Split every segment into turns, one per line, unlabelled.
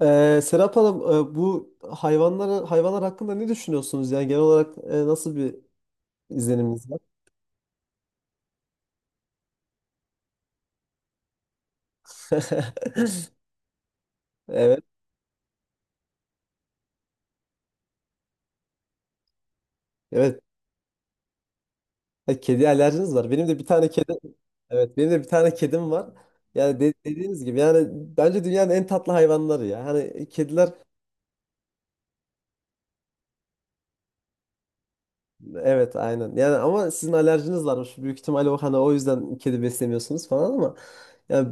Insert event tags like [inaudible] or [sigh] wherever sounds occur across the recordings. Serap Hanım, bu hayvanlar hakkında ne düşünüyorsunuz? Yani genel olarak nasıl bir izleniminiz var? [laughs] Evet, evet. Ha, kedi alerjiniz var. Benim de bir tane kedi, evet, benim de bir tane kedim var. Yani dediğiniz gibi, yani bence dünyanın en tatlı hayvanları ya. Hani kediler, evet, aynen. Yani ama sizin alerjiniz varmış. Büyük ihtimalle o hani o yüzden kedi beslemiyorsunuz falan ama yani.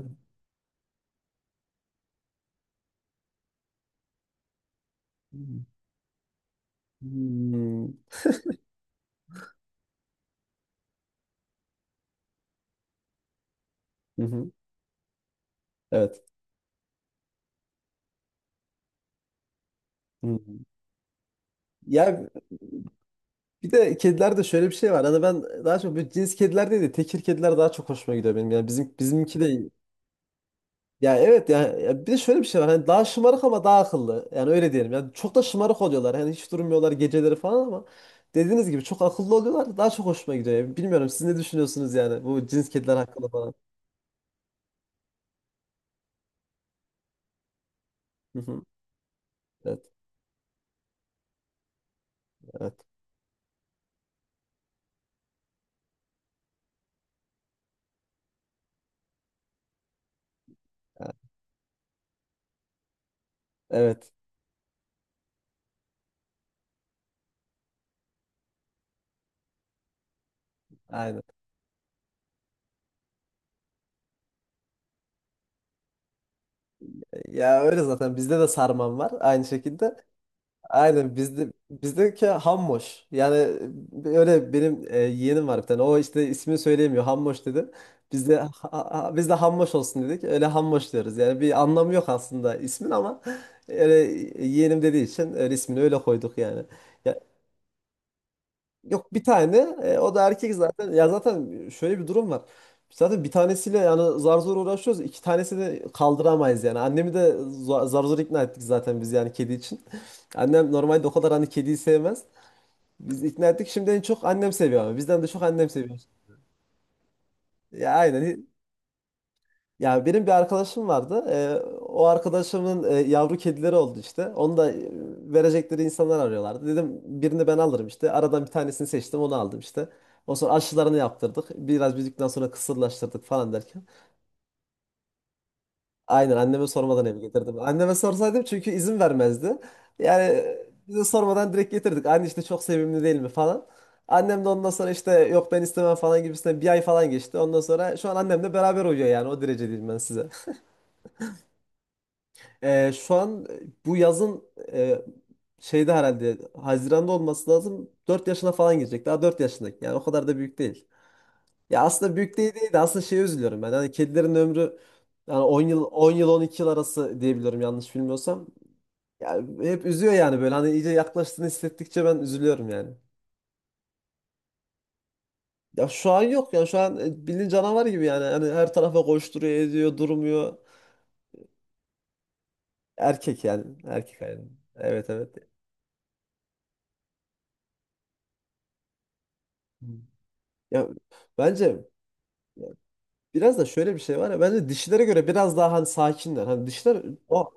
Hmm. Hı hı. Evet. Hı. Ya, bir de kedilerde şöyle bir şey var. Hani ben daha çok bu cins kediler değil de tekir kediler daha çok hoşuma gidiyor benim. Yani bizimki de ya evet ya, ya bir de şöyle bir şey var. Hani daha şımarık ama daha akıllı. Yani öyle diyelim. Yani çok da şımarık oluyorlar. Hani hiç durmuyorlar geceleri falan ama dediğiniz gibi çok akıllı oluyorlar. Daha çok hoşuma gidiyor. Yani bilmiyorum siz ne düşünüyorsunuz yani bu cins kediler hakkında falan. Hı hı. Evet. Evet. Evet. Evet, aynen. Ya öyle zaten bizde de sarmam var aynı şekilde. Aynen bizdeki Hammoş. Yani öyle benim yeğenim var bir tane. O işte ismini söyleyemiyor. Hammoş dedi. Biz de biz de Hammoş olsun dedik. Öyle Hammoş diyoruz. Yani bir anlamı yok aslında ismin ama öyle yeğenim dediği için öyle ismini öyle koyduk yani. Yok, bir tane. E, o da erkek zaten. Ya zaten şöyle bir durum var. Zaten bir tanesiyle yani zar zor uğraşıyoruz. İki tanesini de kaldıramayız yani. Annemi de zar zor ikna ettik zaten biz yani kedi için. [laughs] Annem normalde o kadar hani kediyi sevmez. Biz ikna ettik. Şimdi en çok annem seviyor ama. Bizden de çok annem seviyor. Ya aynen. Ya benim bir arkadaşım vardı. O arkadaşımın yavru kedileri oldu işte. Onu da verecekleri insanlar arıyorlardı. Dedim birini ben alırım işte. Aradan bir tanesini seçtim onu aldım işte. O sonra aşılarını yaptırdık. Biraz büyüdükten sonra kısırlaştırdık falan derken. Aynen anneme sormadan eve getirdim. Anneme sorsaydım çünkü izin vermezdi. Yani bize sormadan direkt getirdik. Anne işte çok sevimli değil mi falan. Annem de ondan sonra işte yok ben istemem falan gibisinden bir ay falan geçti. Ondan sonra şu an annemle beraber uyuyor yani o derece diyeyim ben size. Şu an bu yazın e, şeyde herhalde Haziran'da olması lazım. Dört yaşına falan girecek. Daha 4 yaşındaki. Yani o kadar da büyük değil. Ya aslında büyük değil de aslında şeye üzülüyorum ben. Hani kedilerin ömrü yani on yıl 12 yıl arası diyebiliyorum yanlış bilmiyorsam. Yani hep üzüyor yani böyle hani iyice yaklaştığını hissettikçe ben üzülüyorum yani. Ya şu an yok. Ya şu an bildiğin canavar gibi yani. Hani her tarafa koşturuyor, ediyor, durmuyor. Erkek yani. Erkek yani. Evet, evet. Hı. Ya, bence biraz da şöyle bir şey var ya bence dişilere göre biraz daha hani sakinler. Hani dişiler o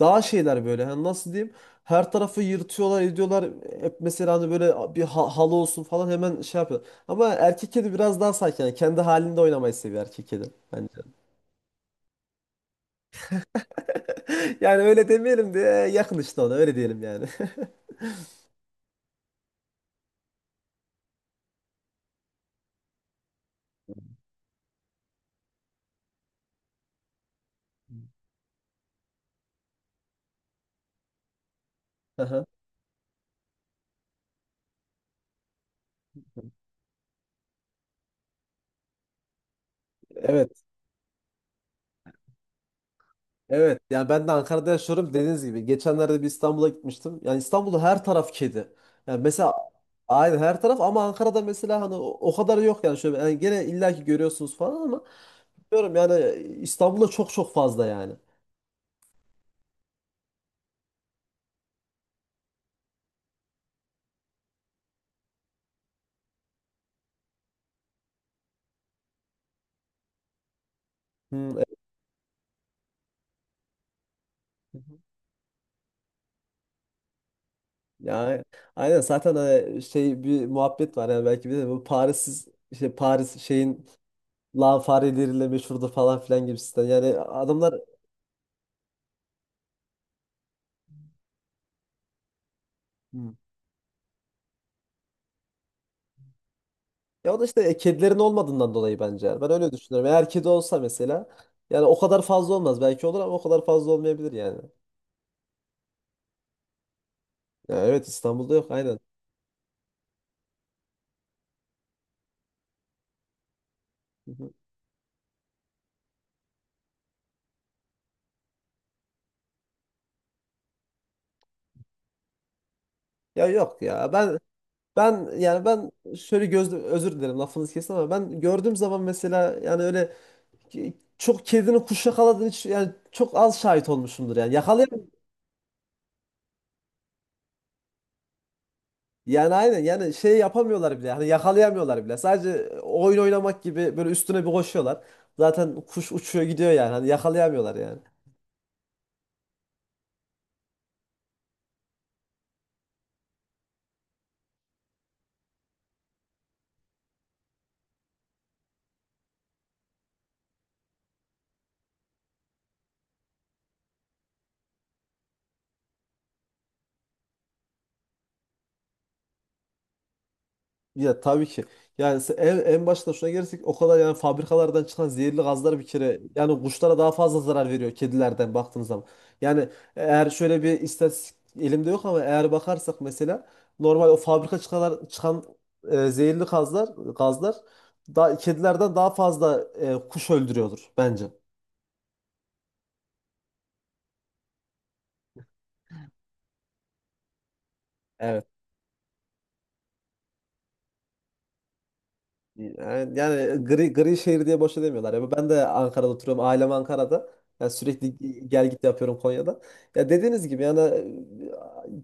daha şeyler böyle. Hani nasıl diyeyim? Her tarafı yırtıyorlar, ediyorlar. Hep mesela hani böyle bir halı olsun falan hemen şey yapıyor. Ama erkek kedi biraz daha sakin. Yani kendi halinde oynamayı seviyor erkek kedi bence. [laughs] Yani öyle demeyelim de yakın işte ona öyle diyelim yani. [laughs] Aha. Evet. Evet yani ben de Ankara'da yaşıyorum dediğiniz gibi. Geçenlerde bir İstanbul'a gitmiştim. Yani İstanbul'da her taraf kedi. Yani mesela aynı her taraf ama Ankara'da mesela hani o, o kadar yok yani şöyle yani gene illaki görüyorsunuz falan ama diyorum yani İstanbul'da çok fazla yani. Hmm, hı, yani aynen zaten hani şey bir muhabbet var yani belki bir de bu Paris'siz şey Paris şeyin lan fareleriyle meşhurdu falan filan gibisinden. Yani adamlar. Ya o da işte kedilerin olmadığından dolayı bence. Yani. Ben öyle düşünüyorum. Eğer kedi olsa mesela yani o kadar fazla olmaz. Belki olur ama o kadar fazla olmayabilir yani. Ya evet İstanbul'da yok aynen. Hı hı. Ya yok ya. Ben yani ben şöyle gözlü özür dilerim lafınızı kesin ama ben gördüğüm zaman mesela yani öyle çok kedinin kuş yakaladığını hiç yani çok az şahit olmuşumdur yani. Yakalayamıyor. Yani aynen yani şey yapamıyorlar bile. Hani yakalayamıyorlar bile. Sadece oyun oynamak gibi böyle üstüne bir koşuyorlar. Zaten kuş uçuyor gidiyor yani. Hani yakalayamıyorlar yani. Ya tabii ki. Yani en başta şuna gelirsek o kadar yani fabrikalardan çıkan zehirli gazlar bir kere yani kuşlara daha fazla zarar veriyor kedilerden baktığınız zaman. Yani eğer şöyle bir istatistik elimde yok ama eğer bakarsak mesela normal o fabrika çıkan zehirli gazlar da kedilerden daha fazla kuş öldürüyordur bence. Evet. Yani, yani gri şehir diye boşa demiyorlar. Ya ben de Ankara'da oturuyorum. Ailem Ankara'da. Yani sürekli gel git yapıyorum Konya'da. Ya dediğiniz gibi yani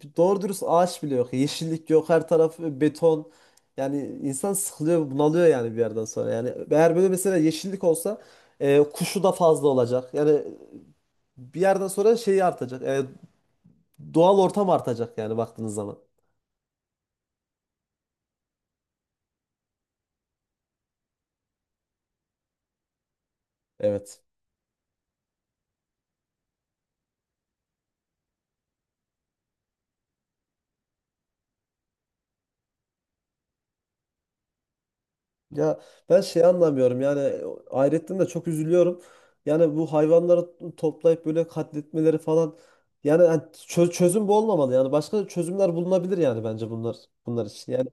doğru dürüst ağaç bile yok. Yeşillik yok. Her taraf beton. Yani insan sıkılıyor, bunalıyor yani bir yerden sonra. Yani eğer böyle mesela yeşillik olsa kuşu da fazla olacak. Yani bir yerden sonra şeyi artacak. Doğal ortam artacak yani baktığınız zaman. Evet. Ya ben şey anlamıyorum yani ayrıca de çok üzülüyorum. Yani bu hayvanları toplayıp böyle katletmeleri falan yani hani çözüm bu olmamalı yani başka çözümler bulunabilir yani bence bunlar için. Yani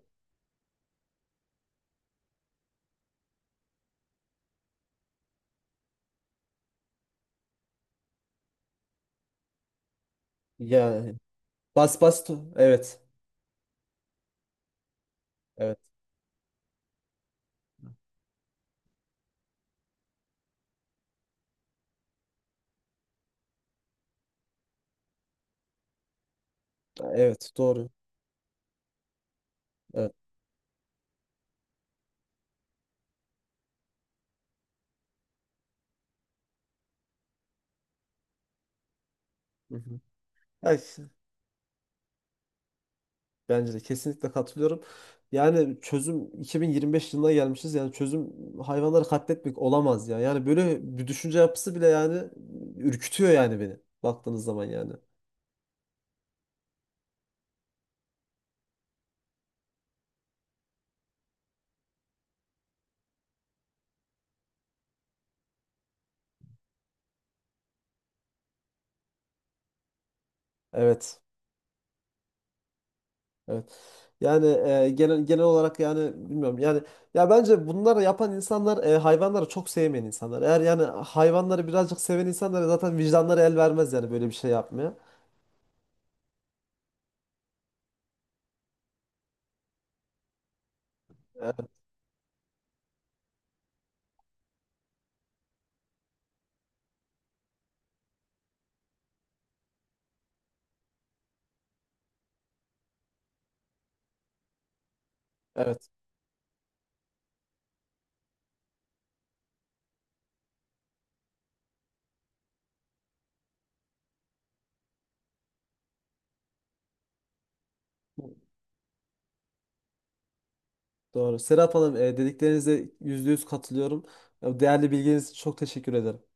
yani bas bas evet evet, evet, doğru. Evet. Hı hı. Ya, işte bence de kesinlikle katılıyorum. Yani çözüm 2025 yılına gelmişiz. Yani çözüm hayvanları katletmek olamaz ya. Yani böyle bir düşünce yapısı bile yani ürkütüyor yani beni baktığınız zaman yani. Evet. Evet. Yani genel olarak yani bilmiyorum. Yani ya bence bunları yapan insanlar hayvanları çok sevmeyen insanlar. Eğer yani hayvanları birazcık seven insanlar zaten vicdanları el vermez yani böyle bir şey yapmaya. E, Evet, doğru. Serap Hanım dediklerinize yüzde yüz katılıyorum. Değerli bilginiz için çok teşekkür ederim.